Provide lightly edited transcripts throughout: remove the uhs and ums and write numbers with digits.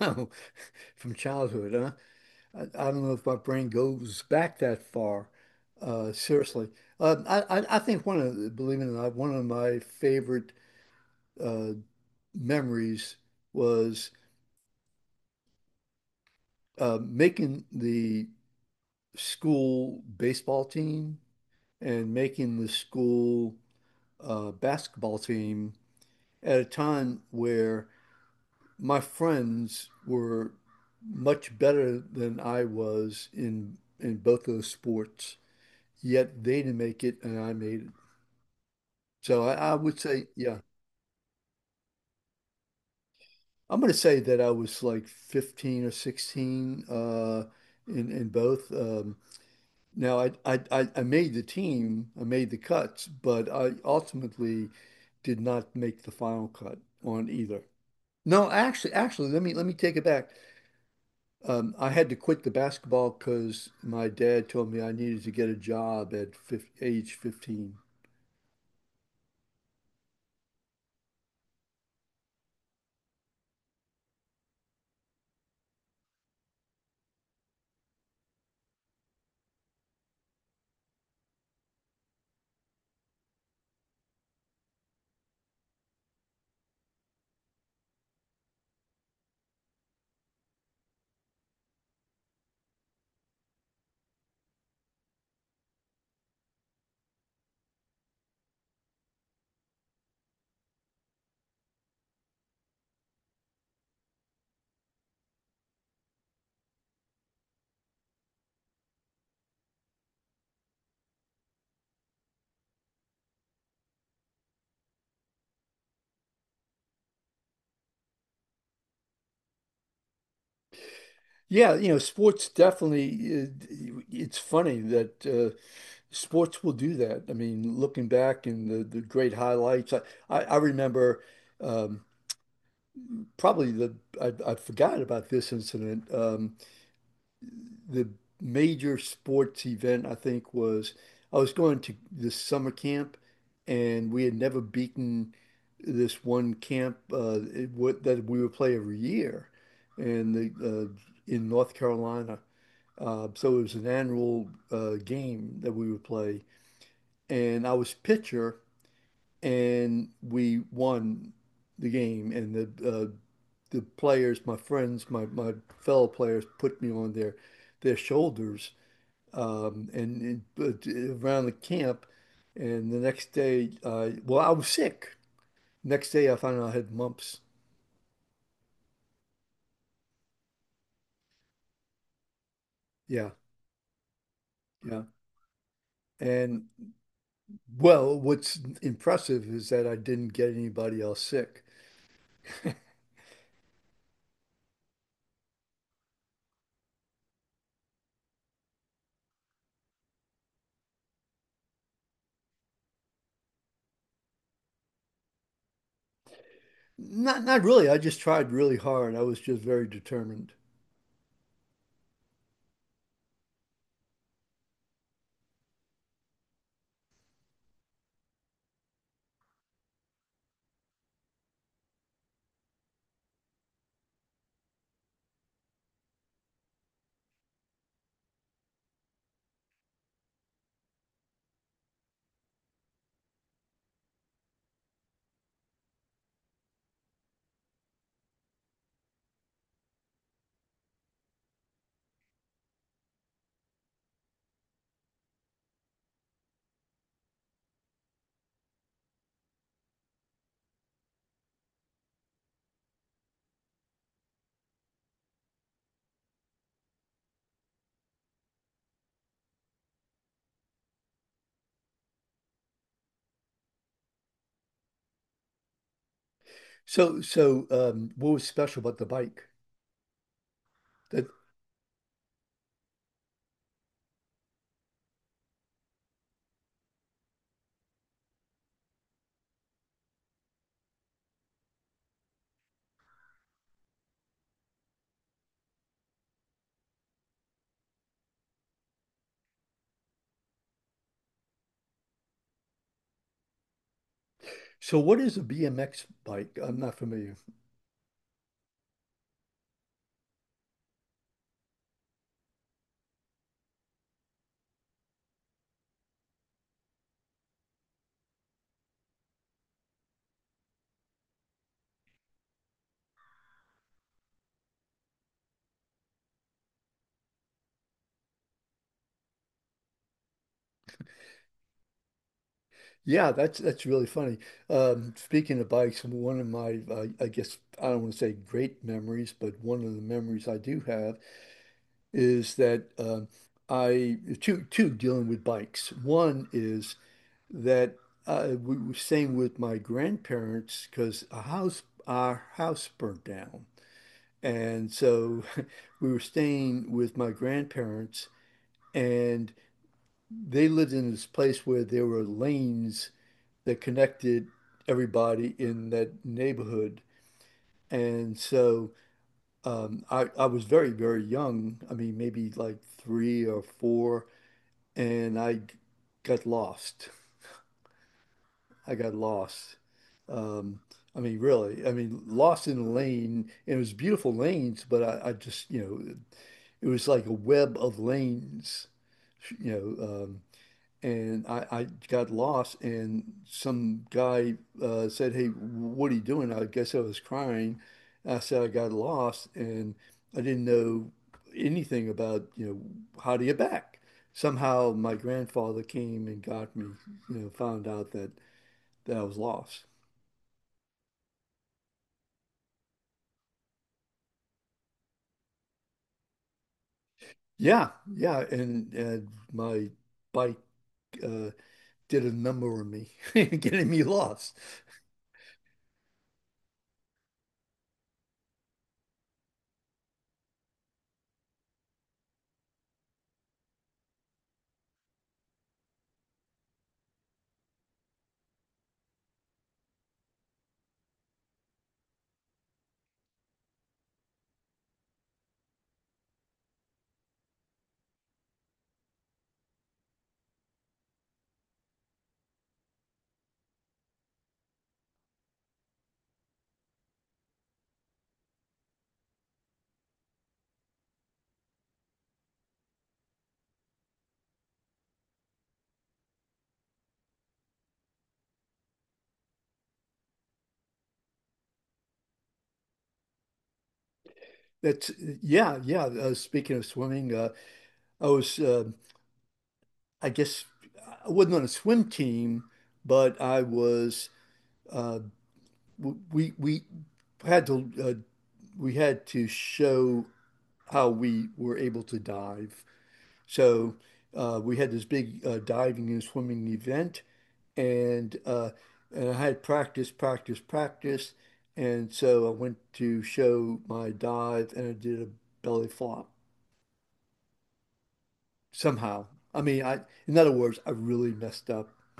Oh, from childhood, huh? I don't know if my brain goes back that far. Seriously, I think believe it or not, one of my favorite uh, memories was making the school baseball team and making the school basketball team at a time where my friends were much better than I was in both those sports, yet they didn't make it and I made it. So I would say, yeah, I'm going to say that I was like 15 or 16 in both. Now I made the team, I made the cuts, but I ultimately did not make the final cut on either. No, actually, let me take it back. I had to quit the basketball because my dad told me I needed to get a job at fif age 15. Yeah, you know, sports definitely, it's funny that sports will do that. I mean, looking back and the great highlights, I remember, um, probably the, I forgot about this incident. The major sports event, I think, was I was going to this summer camp and we had never beaten this one camp, that we would play every year. And the, uh, in North Carolina. So it was an annual game that we would play, and I was pitcher, and we won the game. And the players, my friends, my fellow players, put me on their shoulders, and around the camp. And the next day, well, I was sick. Next day, I found out I had mumps. Yeah, yeah. And well, what's impressive is that I didn't get anybody else sick. Not really. I just tried really hard. I was just very determined. So what was special about the bike? That, so what is a BMX bike? I'm not familiar. Yeah, that's really funny. Speaking of bikes, one of my, I guess I don't want to say great memories, but one of the memories I do have is that, I two two dealing with bikes. One is that we were staying with my grandparents because a house our house burnt down. And so we were staying with my grandparents, and they lived in this place where there were lanes that connected everybody in that neighborhood. And so, I was very, very young. I mean, maybe like three or four, and I got lost. I got lost. Um, I mean, really, I mean, lost in a lane, and it was beautiful lanes, but I just, you know, it was like a web of lanes, you know, and I got lost, and some guy said, "Hey, what are you doing?" I guess I was crying. I said I got lost, and I didn't know anything about, you know, how to get back. Somehow my grandfather came and got me, you know, found out that I was lost. Yeah, yeah, and my bike uh, did a number on me, getting me lost. That's, yeah, yeah. Speaking of swimming, I was, uh, I guess, I wasn't on a swim team, but I was. Uh, we had to we had to show how we were able to dive. So we had this big diving and swimming event, and uh, and I had practice, practice, practice, and so I went to show my dive, and I did a belly flop somehow. I mean, I In other words, I really messed up.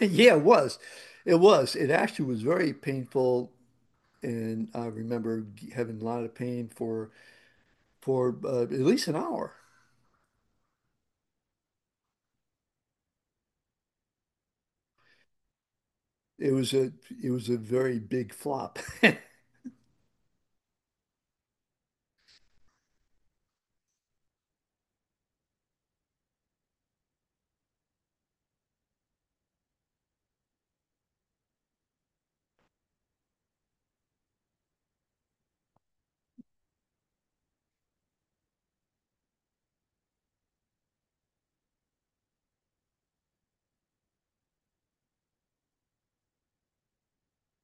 Yeah, it was, it was. It actually was very painful, and I remember having a lot of pain for at least an hour. It was a it was a very big flop.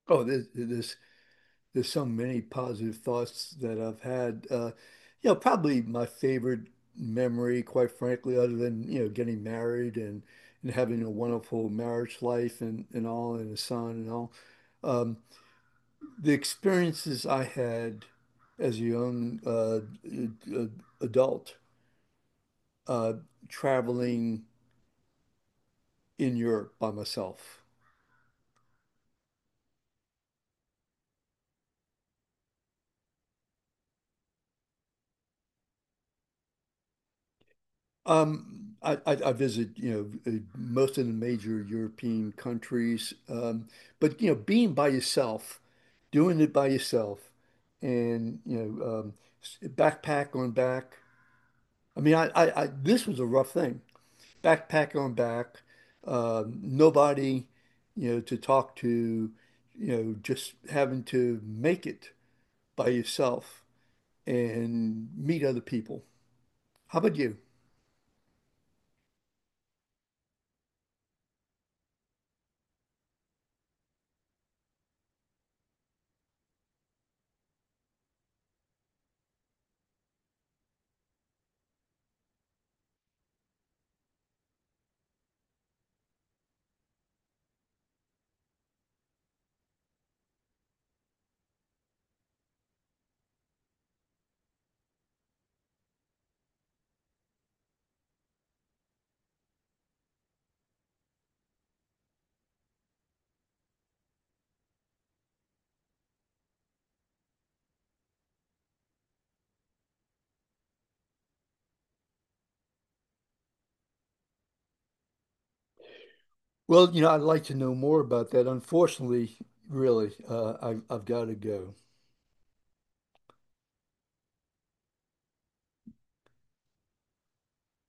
Oh, this there's so many positive thoughts that I've had. You know, probably my favorite memory, quite frankly, other than, you know, getting married and having a wonderful marriage life and all and a son and all. Um, the experiences I had as a young adult uh, traveling in Europe by myself. I visit, you know, most of the major European countries. But, you know, being by yourself, doing it by yourself, and, you know, backpack on back. I mean, this was a rough thing. Backpack on back, nobody, you know, to talk to, you know, just having to make it by yourself and meet other people. How about you? Well, you know, I'd like to know more about that. Unfortunately, really, I've got to go.